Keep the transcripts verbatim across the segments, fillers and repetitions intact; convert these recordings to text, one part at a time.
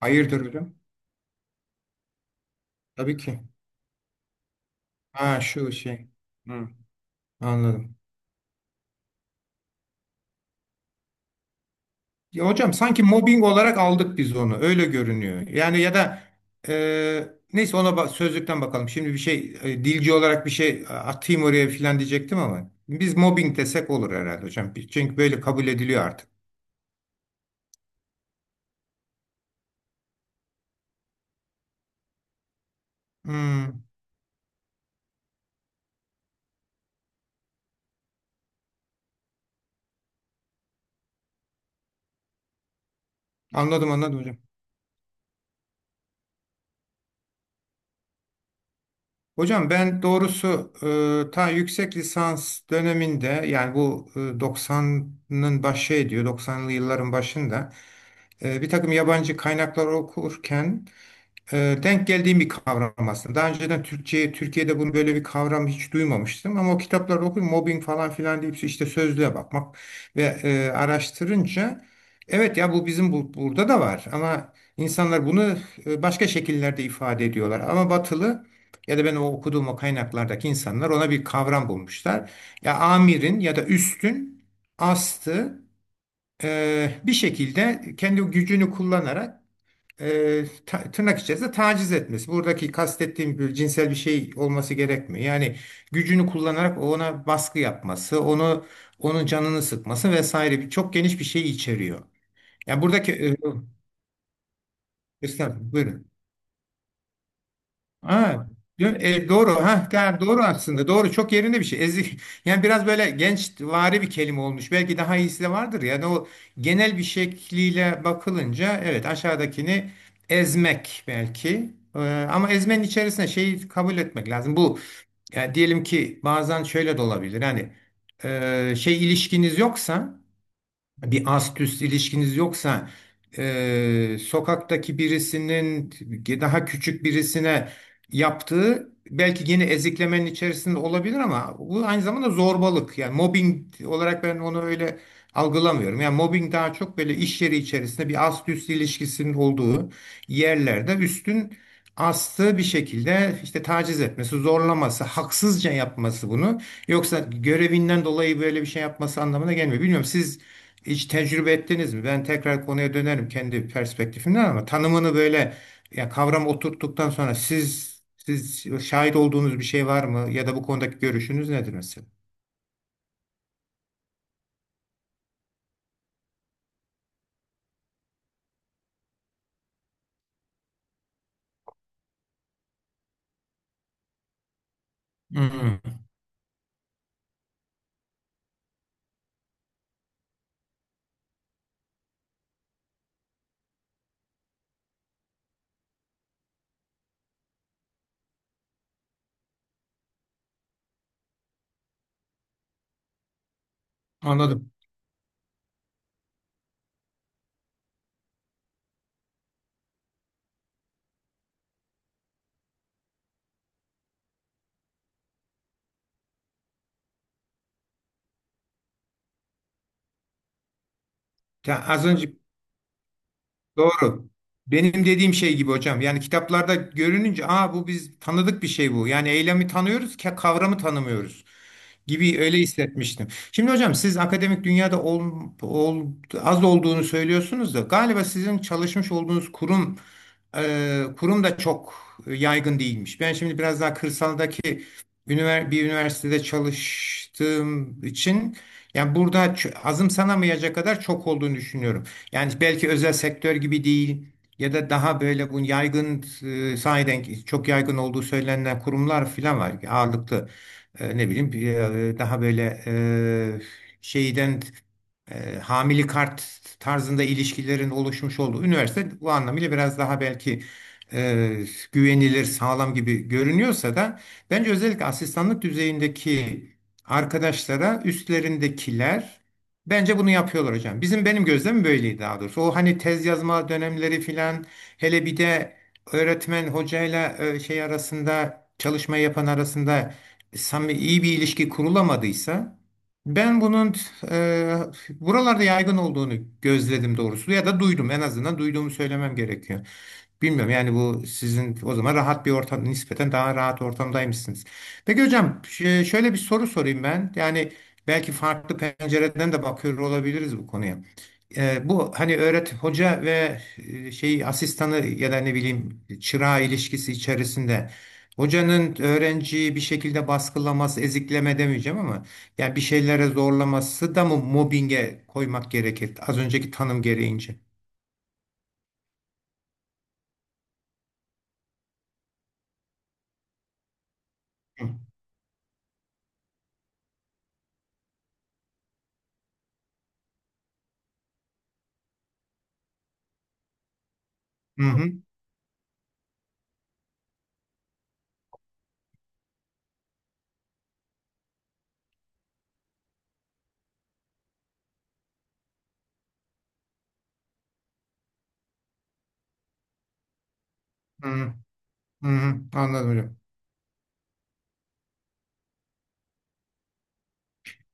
Hayırdır hocam? Tabii ki. Ha şu şey. Hı, anladım. Ya hocam sanki mobbing olarak aldık biz onu. Öyle görünüyor. Yani ya da e, neyse ona ba- sözlükten bakalım. Şimdi bir şey e, dilci olarak bir şey e, atayım oraya filan diyecektim ama biz mobbing desek olur herhalde hocam. Çünkü böyle kabul ediliyor artık. Hı, anladım anladım hocam. Hocam ben doğrusu e, ta yüksek lisans döneminde, yani bu e, doksanın başı ediyor, doksanlı yılların başında e, bir takım yabancı kaynaklar okurken e, denk geldiğim bir kavram aslında. Daha önceden Türkçe, Türkiye'de bunu, böyle bir kavram, hiç duymamıştım ama o kitapları okuyup mobbing falan filan deyip işte sözlüğe bakmak ve e, araştırınca evet ya bu bizim, bu burada da var ama insanlar bunu e, başka şekillerde ifade ediyorlar. Ama Batılı, ya da ben o okuduğum o kaynaklardaki insanlar, ona bir kavram bulmuşlar. Ya amirin ya da üstün astı e, bir şekilde kendi gücünü kullanarak e, ta- tırnak içerisinde taciz etmesi. Buradaki kastettiğim bir cinsel bir şey olması gerekmiyor. Yani gücünü kullanarak ona baskı yapması, onu onun canını sıkması vesaire bir çok geniş bir şey içeriyor. Yani buradaki e, Estağfurullah, buyurun. Ha, dö- e, doğru. Ha, der, doğru aslında. Doğru. Çok yerinde bir şey. Ezik. Yani biraz böyle gençvari bir kelime olmuş. Belki daha iyisi de vardır. Yani o genel bir şekliyle bakılınca evet aşağıdakini ezmek belki. Ee, ama ezmenin içerisine şeyi kabul etmek lazım. Bu, yani diyelim ki bazen şöyle de olabilir. Yani e, şey ilişkiniz yoksa, bir ast üst ilişkiniz yoksa, e, sokaktaki birisinin daha küçük birisine yaptığı, belki yine eziklemenin içerisinde olabilir ama bu aynı zamanda zorbalık. Yani mobbing olarak ben onu öyle algılamıyorum. Yani mobbing daha çok böyle iş yeri içerisinde bir ast üst ilişkisinin olduğu yerlerde üstün astı bir şekilde işte taciz etmesi, zorlaması, haksızca yapması bunu. Yoksa görevinden dolayı böyle bir şey yapması anlamına gelmiyor. Bilmiyorum, siz hiç tecrübe ettiniz mi? Ben tekrar konuya dönerim kendi perspektifimden ama tanımını böyle, ya kavram oturttuktan sonra, siz siz şahit olduğunuz bir şey var mı ya da bu konudaki görüşünüz nedir mesela? Hmm, anladım. Ya az önce. Doğru. Benim dediğim şey gibi hocam. Yani kitaplarda görününce, aa, bu biz tanıdık bir şey bu. Yani eylemi tanıyoruz, ka- kavramı tanımıyoruz gibi, öyle hissetmiştim. Şimdi hocam siz akademik dünyada ol, ol- az olduğunu söylüyorsunuz da galiba sizin çalışmış olduğunuz kurum e, kurum da çok yaygın değilmiş. Ben şimdi biraz daha kırsaldaki üniver- bir üniversitede çalıştığım için, yani burada ç- azımsanamayacak kadar çok olduğunu düşünüyorum. Yani belki özel sektör gibi değil ya da daha böyle bu yaygın, e, sahiden ki çok yaygın olduğu söylenen kurumlar falan var. Ağırlıklı e, ne bileyim, e, daha böyle e, şeyden, e, hamili kart tarzında ilişkilerin oluşmuş olduğu üniversite bu anlamıyla biraz daha belki e, güvenilir, sağlam gibi görünüyorsa da bence özellikle asistanlık düzeyindeki arkadaşlara üstlerindekiler, bence bunu yapıyorlar hocam. Bizim benim gözlemim böyleydi daha doğrusu. O hani tez yazma dönemleri filan, hele bir de öğretmen hocayla e, şey arasında, çalışma yapan arasında, samimi iyi bir ilişki kurulamadıysa, ben bunun e, buralarda yaygın olduğunu gözledim doğrusu, ya da duydum, en azından duyduğumu söylemem gerekiyor. Bilmiyorum, yani bu sizin o zaman rahat bir ortam, nispeten daha rahat ortamdaymışsınız. Peki hocam, ş- şöyle bir soru sorayım ben. Yani belki farklı pencereden de bakıyor olabiliriz bu konuya. Ee, bu hani öğret hoca ve e, şey asistanı ya da ne bileyim çırağı ilişkisi içerisinde, hocanın öğrenciyi bir şekilde baskılaması, ezikleme demeyeceğim ama yani bir şeylere zorlaması da mı mobbinge koymak gerekir az önceki tanım gereğince? Hı hı. Hı. Hı hı, anladım hocam.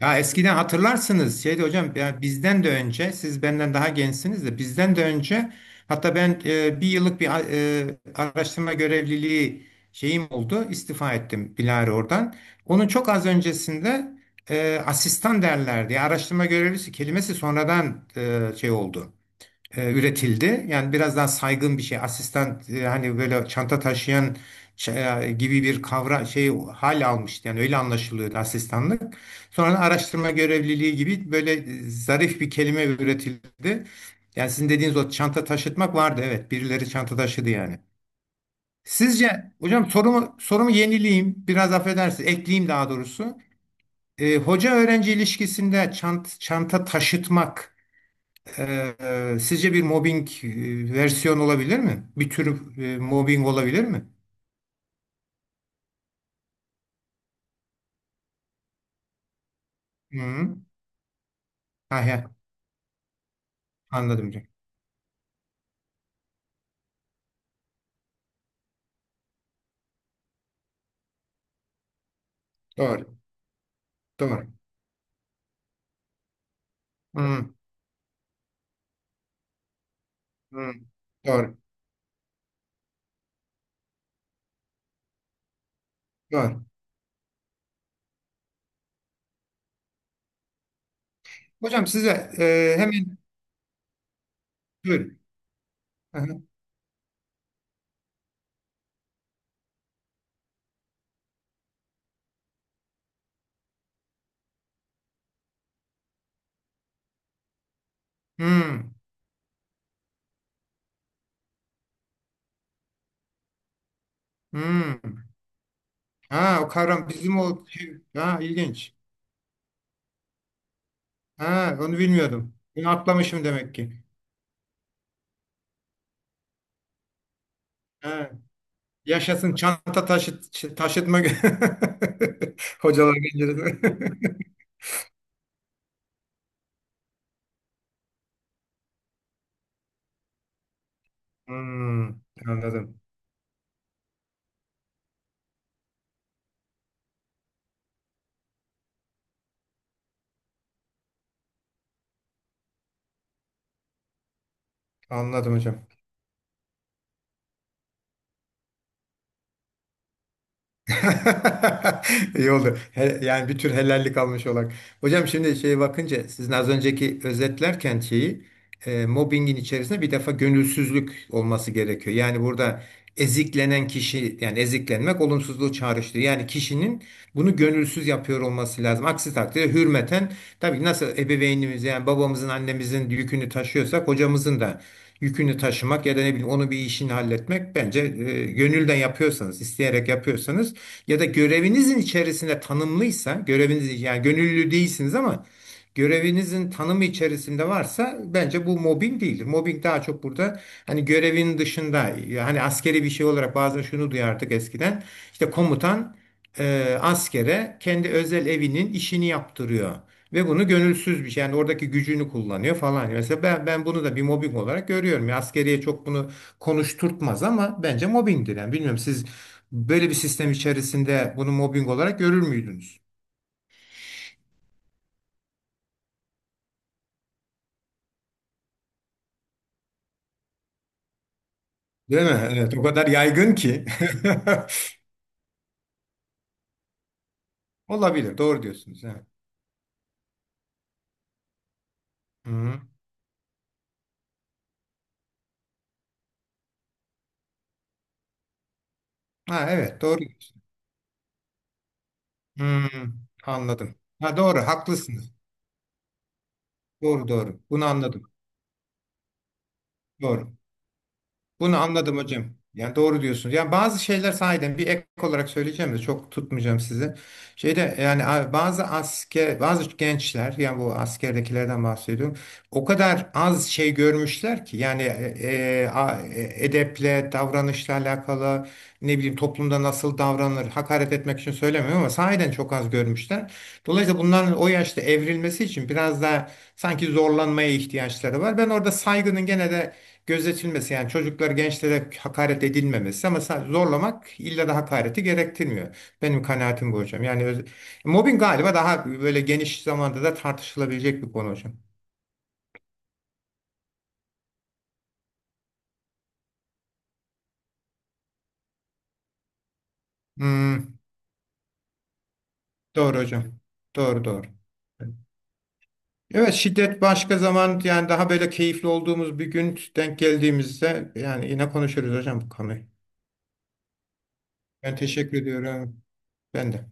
Ya eskiden hatırlarsınız, şeydi hocam, ya bizden de önce, siz benden daha gençsiniz de, bizden de önce, hatta ben e, bir yıllık bir e, araştırma görevliliği şeyim oldu, istifa ettim Bilari oradan. Onun çok az öncesinde e, asistan derlerdi. Ya araştırma görevlisi kelimesi sonradan e, şey oldu. E, üretildi. Yani biraz daha saygın bir şey. Asistan, e, hani böyle çanta taşıyan şey- e, gibi bir kavra şey hal almıştı. Yani öyle anlaşılıyordu asistanlık. Sonra araştırma görevliliği gibi böyle e, zarif bir kelime üretildi. Yani sizin dediğiniz o çanta taşıtmak vardı. Evet, birileri çanta taşıdı yani. Sizce hocam, sorumu sorumu yenileyim. Biraz affedersiniz. Ekleyeyim daha doğrusu. E, hoca öğrenci ilişkisinde çant, çanta taşıtmak ee, sizce bir mobbing e, versiyon olabilir mi? Bir tür e, mobbing olabilir mi? Hı -hı. Ha, he, anladım hocam. Doğru, doğru. Hı -hı. Doğru, doğru. Hocam size, e, hemen, buyurun. Hı -hı. Hı hı. Ha, o kavram bizim o şey, ha, ilginç. Ha, onu bilmiyordum. Bunu atlamışım demek ki. Ha, yaşasın çanta taşıt taşıtma hocalar gencesi. Hmm, anladım. Anladım hocam. İyi oldu. He- yani bir tür helallik almış olarak. Hocam şimdi şeye bakınca, sizin az önceki özetlerken şeyi, e, mobbingin içerisinde bir defa gönülsüzlük olması gerekiyor. Yani burada eziklenen kişi, yani eziklenmek olumsuzluğu çağrıştırıyor. Yani kişinin bunu gönülsüz yapıyor olması lazım. Aksi takdirde hürmeten, tabii ki nasıl ebeveynimiz, yani babamızın, annemizin yükünü taşıyorsak, hocamızın da yükünü taşımak ya da ne bileyim onu, bir işini halletmek, bence e, gönülden yapıyorsanız, isteyerek yapıyorsanız ya da görevinizin içerisinde tanımlıysa, göreviniz yani, gönüllü değilsiniz ama görevinizin tanımı içerisinde varsa, bence bu mobbing değildir. Mobbing daha çok burada hani görevin dışında, hani askeri bir şey olarak bazen şunu duyardık eskiden, işte komutan e, askere kendi özel evinin işini yaptırıyor. Ve bunu gönülsüz bir şey, yani oradaki gücünü kullanıyor falan. Mesela ben, ben bunu da bir mobbing olarak görüyorum. Ya askeriye çok bunu konuşturtmaz ama bence mobbingdir. Yani bilmiyorum, siz böyle bir sistem içerisinde bunu mobbing olarak görür müydünüz? Değil mi? Evet, o kadar yaygın ki. Olabilir. Doğru diyorsunuz. Evet. Hı. Ha, evet doğru diyorsunuz. Hı, anladım. Ha, doğru, haklısınız. Doğru doğru. Bunu anladım. Doğru. Bunu anladım hocam. Yani doğru diyorsunuz. Yani bazı şeyler sahiden, bir ek olarak söyleyeceğim de çok tutmayacağım sizi. Şeyde yani, a- bazı asker, bazı gençler, yani bu askerdekilerden bahsediyorum. O kadar az şey görmüşler ki, yani e, e, a- e, edeple, davranışla alakalı, ne bileyim, toplumda nasıl davranılır, hakaret etmek için söylemiyorum ama sahiden çok az görmüşler. Dolayısıyla bunların o yaşta evrilmesi için biraz daha sanki zorlanmaya ihtiyaçları var. Ben orada saygının gene de gözetilmesi, yani çocuklar, gençlere hakaret edilmemesi ama sa- zorlamak illa da hakareti gerektirmiyor. Benim kanaatim bu hocam. Yani öz- mobbing galiba daha böyle geniş zamanda da tartışılabilecek bir konu hocam. Hmm, doğru hocam. Doğru doğru. Evet, şiddet başka zaman, yani daha böyle keyifli olduğumuz bir gün denk geldiğimizde yani yine konuşuruz hocam bu konuyu. Ben teşekkür ediyorum. Ben de.